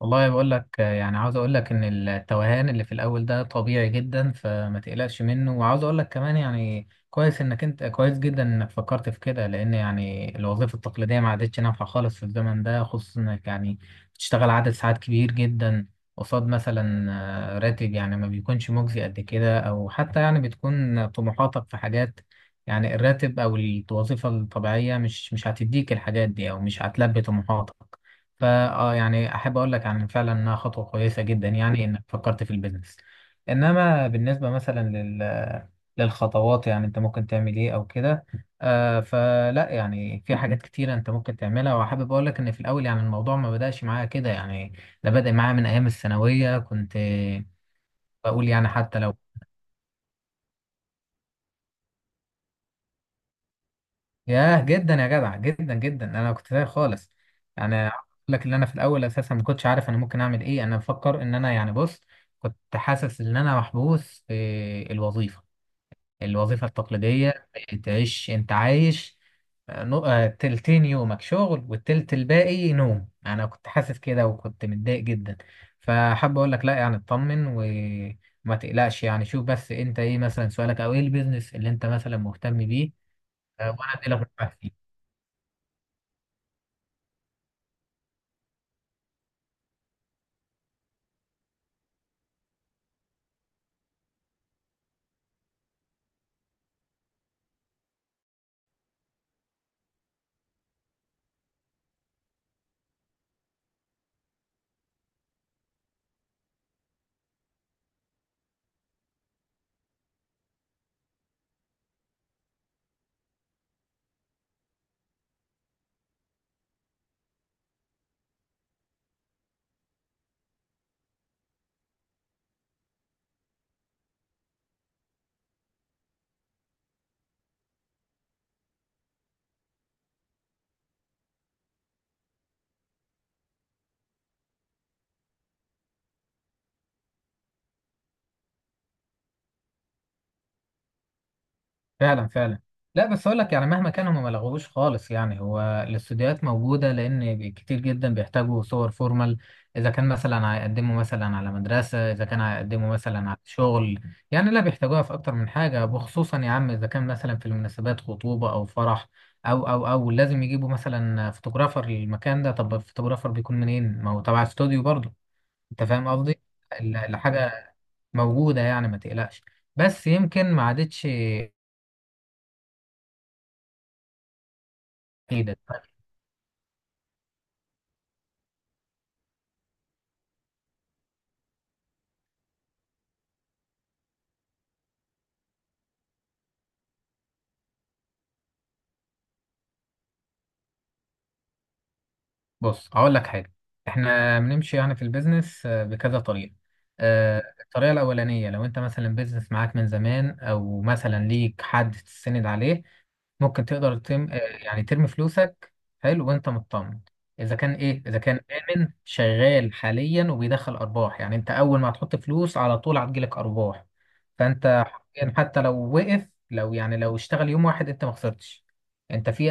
والله بقول لك، يعني عاوز اقول لك ان التوهان اللي في الاول ده طبيعي جدا فما تقلقش منه. وعاوز اقول لك كمان يعني كويس انك، انت كويس جدا انك فكرت في كده، لان يعني الوظيفه التقليديه ما عادتش نافعه خالص في الزمن ده، خصوصا انك يعني بتشتغل عدد ساعات كبير جدا قصاد مثلا راتب يعني ما بيكونش مجزي قد كده، او حتى يعني بتكون طموحاتك في حاجات، يعني الراتب او الوظيفه الطبيعيه مش هتديك الحاجات دي، او مش هتلبي طموحاتك. فا يعني احب اقول لك عن فعلا انها خطوه كويسه جدا، يعني انك فكرت في البيزنس. انما بالنسبه مثلا للخطوات، يعني انت ممكن تعمل ايه او كده. فلا يعني في حاجات كتيره انت ممكن تعملها، وحابب اقول لك ان في الاول يعني الموضوع ما بداش معايا كده يعني، ده بدأ معايا من ايام الثانويه. كنت بقول يعني حتى لو، ياه جدا يا جدع، جدا جدا انا كنت تايه خالص. يعني اقول لك ان انا في الاول اساسا ما كنتش عارف انا ممكن اعمل ايه، انا بفكر ان انا يعني، بص كنت حاسس ان انا محبوس في الوظيفه التقليديه. تعيش انت عايش تلتين يومك شغل والتلت الباقي نوم. انا كنت حاسس كده وكنت متضايق جدا. فحاب اقول لك لا، يعني اطمن وما تقلقش. يعني شوف بس، انت ايه مثلا سؤالك، او ايه البيزنس اللي انت مثلا مهتم بيه؟ وانا اديلك نصيحة. فعلا فعلا. لا بس اقول لك يعني مهما كان هم ما لغوش خالص، يعني هو الاستوديوهات موجوده لان كتير جدا بيحتاجوا صور فورمال. اذا كان مثلا هيقدموا مثلا على مدرسه، اذا كان هيقدموا مثلا على شغل، يعني لا بيحتاجوها في اكتر من حاجه. وخصوصا يا عم اذا كان مثلا في المناسبات خطوبه او فرح، او لازم يجيبوا مثلا فوتوغرافر للمكان ده. طب الفوتوغرافر بيكون منين؟ ما هو تبع استوديو برضه. انت فاهم قصدي؟ الحاجه موجوده، يعني ما تقلقش، بس يمكن ما عادتش جديدة. بص هقول لك حاجة: احنا بنمشي يعني في البيزنس بكذا طريقة. مم. الطريقة الأولانية، لو انت مثلا بيزنس معاك من زمان او مثلا ليك حد تستند عليه، ممكن تقدر تم آه، يعني ترمي فلوسك. حلو وانت مطمن، اذا كان اذا كان آمن شغال حاليا وبيدخل ارباح، يعني انت اول ما هتحط فلوس على طول هتجيلك ارباح. فانت حرفياً حتى لو وقف لو يعني لو اشتغل يوم واحد انت ما خسرتش. انت في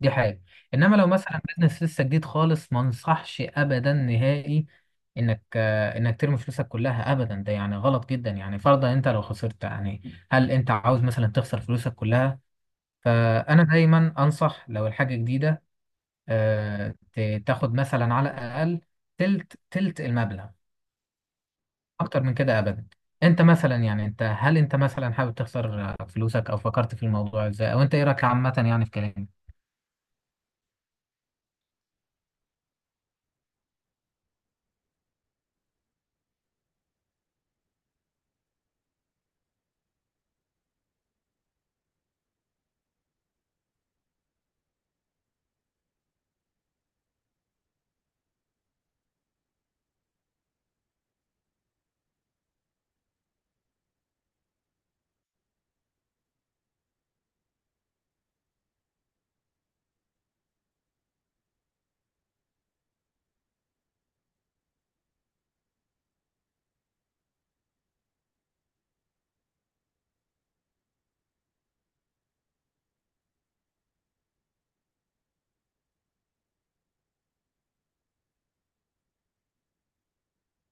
دي حاجة. انما لو مثلا بيزنس لسه جديد خالص، ما انصحش ابدا نهائي انك ترمي فلوسك كلها ابدا. ده يعني غلط جدا، يعني فرضا انت لو خسرت يعني، هل انت عاوز مثلا تخسر فلوسك كلها؟ فانا دايما انصح لو الحاجة جديدة، تاخد مثلا على الاقل تلت المبلغ، اكتر من كده ابدا. انت مثلا يعني، انت هل انت مثلا حابب تخسر فلوسك؟ او فكرت في الموضوع ازاي؟ او انت ايه رايك عامة يعني في كلامي؟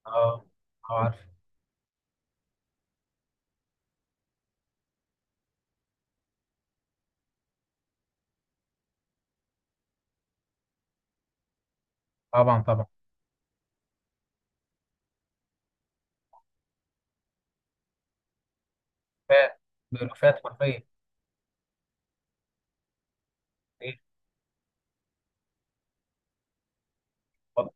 اه، عارف. طبعا طبعا. بيروفات. بيروفات حرفيا. ايه. اتفضل.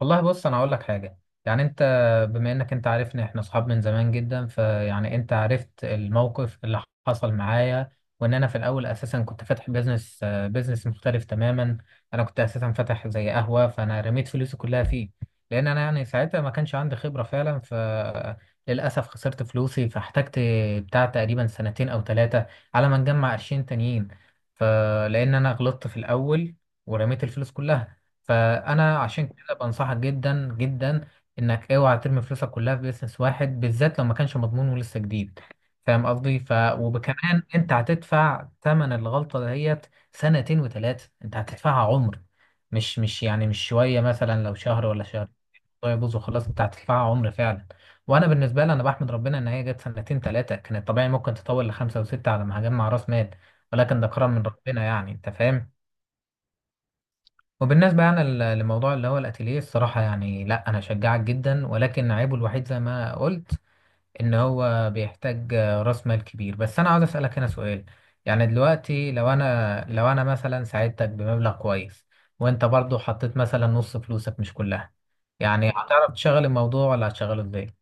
والله بص، انا هقول لك حاجه. يعني بما انك انت عارفني، احنا اصحاب من زمان جدا، فيعني انت عرفت الموقف اللي حصل معايا، وان انا في الاول اساسا كنت فاتح بيزنس، مختلف تماما. انا كنت اساسا فاتح زي قهوه، فانا رميت فلوسي كلها فيه، لان انا يعني ساعتها ما كانش عندي خبره فعلا. فللاسف خسرت فلوسي، فاحتجت بتاع تقريبا سنتين او 3 على ما نجمع قرشين تانيين. فلان انا غلطت في الاول ورميت الفلوس كلها، فانا عشان كده بنصحك جدا جدا انك اوعى ترمي فلوسك كلها في بيزنس واحد، بالذات لو ما كانش مضمون ولسه جديد. فاهم قصدي؟ وكمان انت هتدفع ثمن الغلطه ديت. سنتين و3 انت هتدفعها عمر، مش يعني مش شويه، مثلا لو شهر ولا شهر. طيب بص وخلاص، انت هتدفعها عمر فعلا. وانا بالنسبه لي انا بحمد ربنا ان هي جت سنتين 3، كانت طبيعي ممكن تطول ل5 و6 على ما هجمع راس مال. ولكن ده كرم من ربنا، يعني انت فاهم. وبالنسبة يعني لموضوع اللي هو الأتيليه، الصراحة يعني لا، أنا أشجعك جدا، ولكن عيبه الوحيد زي ما قلت إن هو بيحتاج رأس مال كبير. بس أنا عاوز أسألك هنا سؤال: يعني دلوقتي لو أنا، مثلا ساعدتك بمبلغ كويس، وأنت برضو حطيت مثلا نص فلوسك مش كلها، يعني هتعرف تشغل الموضوع ولا هتشغله إزاي؟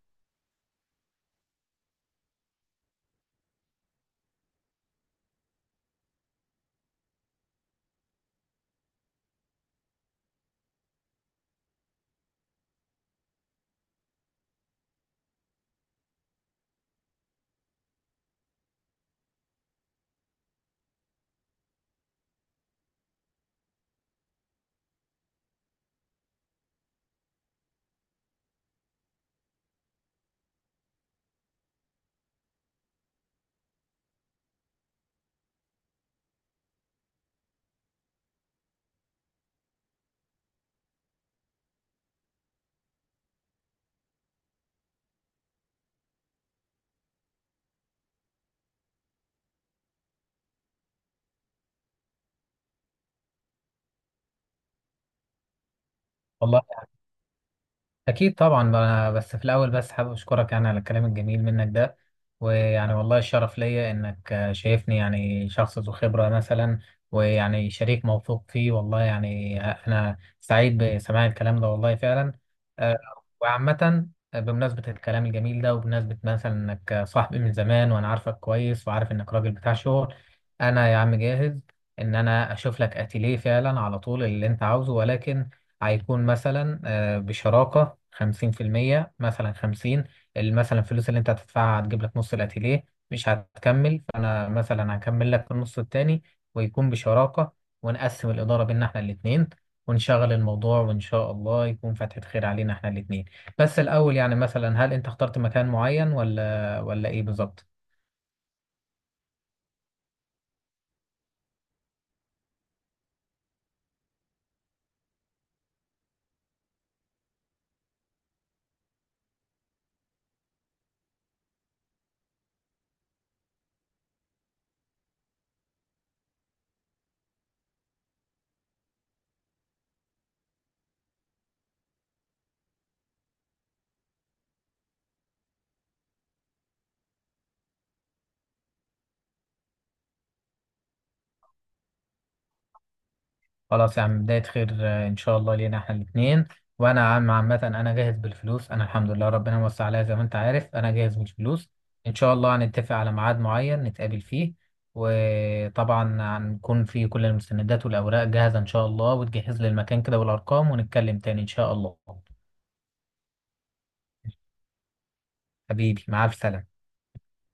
أكيد طبعا. بس في الأول بس حابب أشكرك يعني على الكلام الجميل منك ده، ويعني والله الشرف ليا إنك شايفني يعني شخص ذو خبرة مثلا، ويعني شريك موثوق فيه. والله يعني أنا سعيد بسماع الكلام ده والله فعلا. آه، وعامة، بمناسبة الكلام الجميل ده وبمناسبة مثلا إنك صاحبي من زمان وأنا عارفك كويس، وعارف إنك راجل بتاع شغل، أنا يا عم جاهز إن أنا أشوف لك أتيليه فعلا على طول اللي أنت عاوزه. ولكن هيكون مثلا بشراكة 50%، مثلا 50، مثلا الفلوس اللي انت هتدفعها هتجيب لك نص الاتيليه، مش هتكمل، فانا مثلا هكمل لك النص التاني، ويكون بشراكة، ونقسم الإدارة بينا احنا الاتنين، ونشغل الموضوع، وإن شاء الله يكون فتحة خير علينا احنا الاتنين. بس الأول يعني مثلا هل أنت اخترت مكان معين ولا إيه بالظبط؟ خلاص يا عم، بداية خير إن شاء الله لينا إحنا الاتنين. وأنا عم عامة أنا جاهز بالفلوس، أنا الحمد لله ربنا موسع عليا زي ما أنت عارف، أنا جاهز بالفلوس. إن شاء الله هنتفق على ميعاد معين نتقابل فيه، وطبعا هنكون في كل المستندات والأوراق جاهزة إن شاء الله، وتجهز لي المكان كده والأرقام ونتكلم تاني إن شاء الله. حبيبي مع السلامة.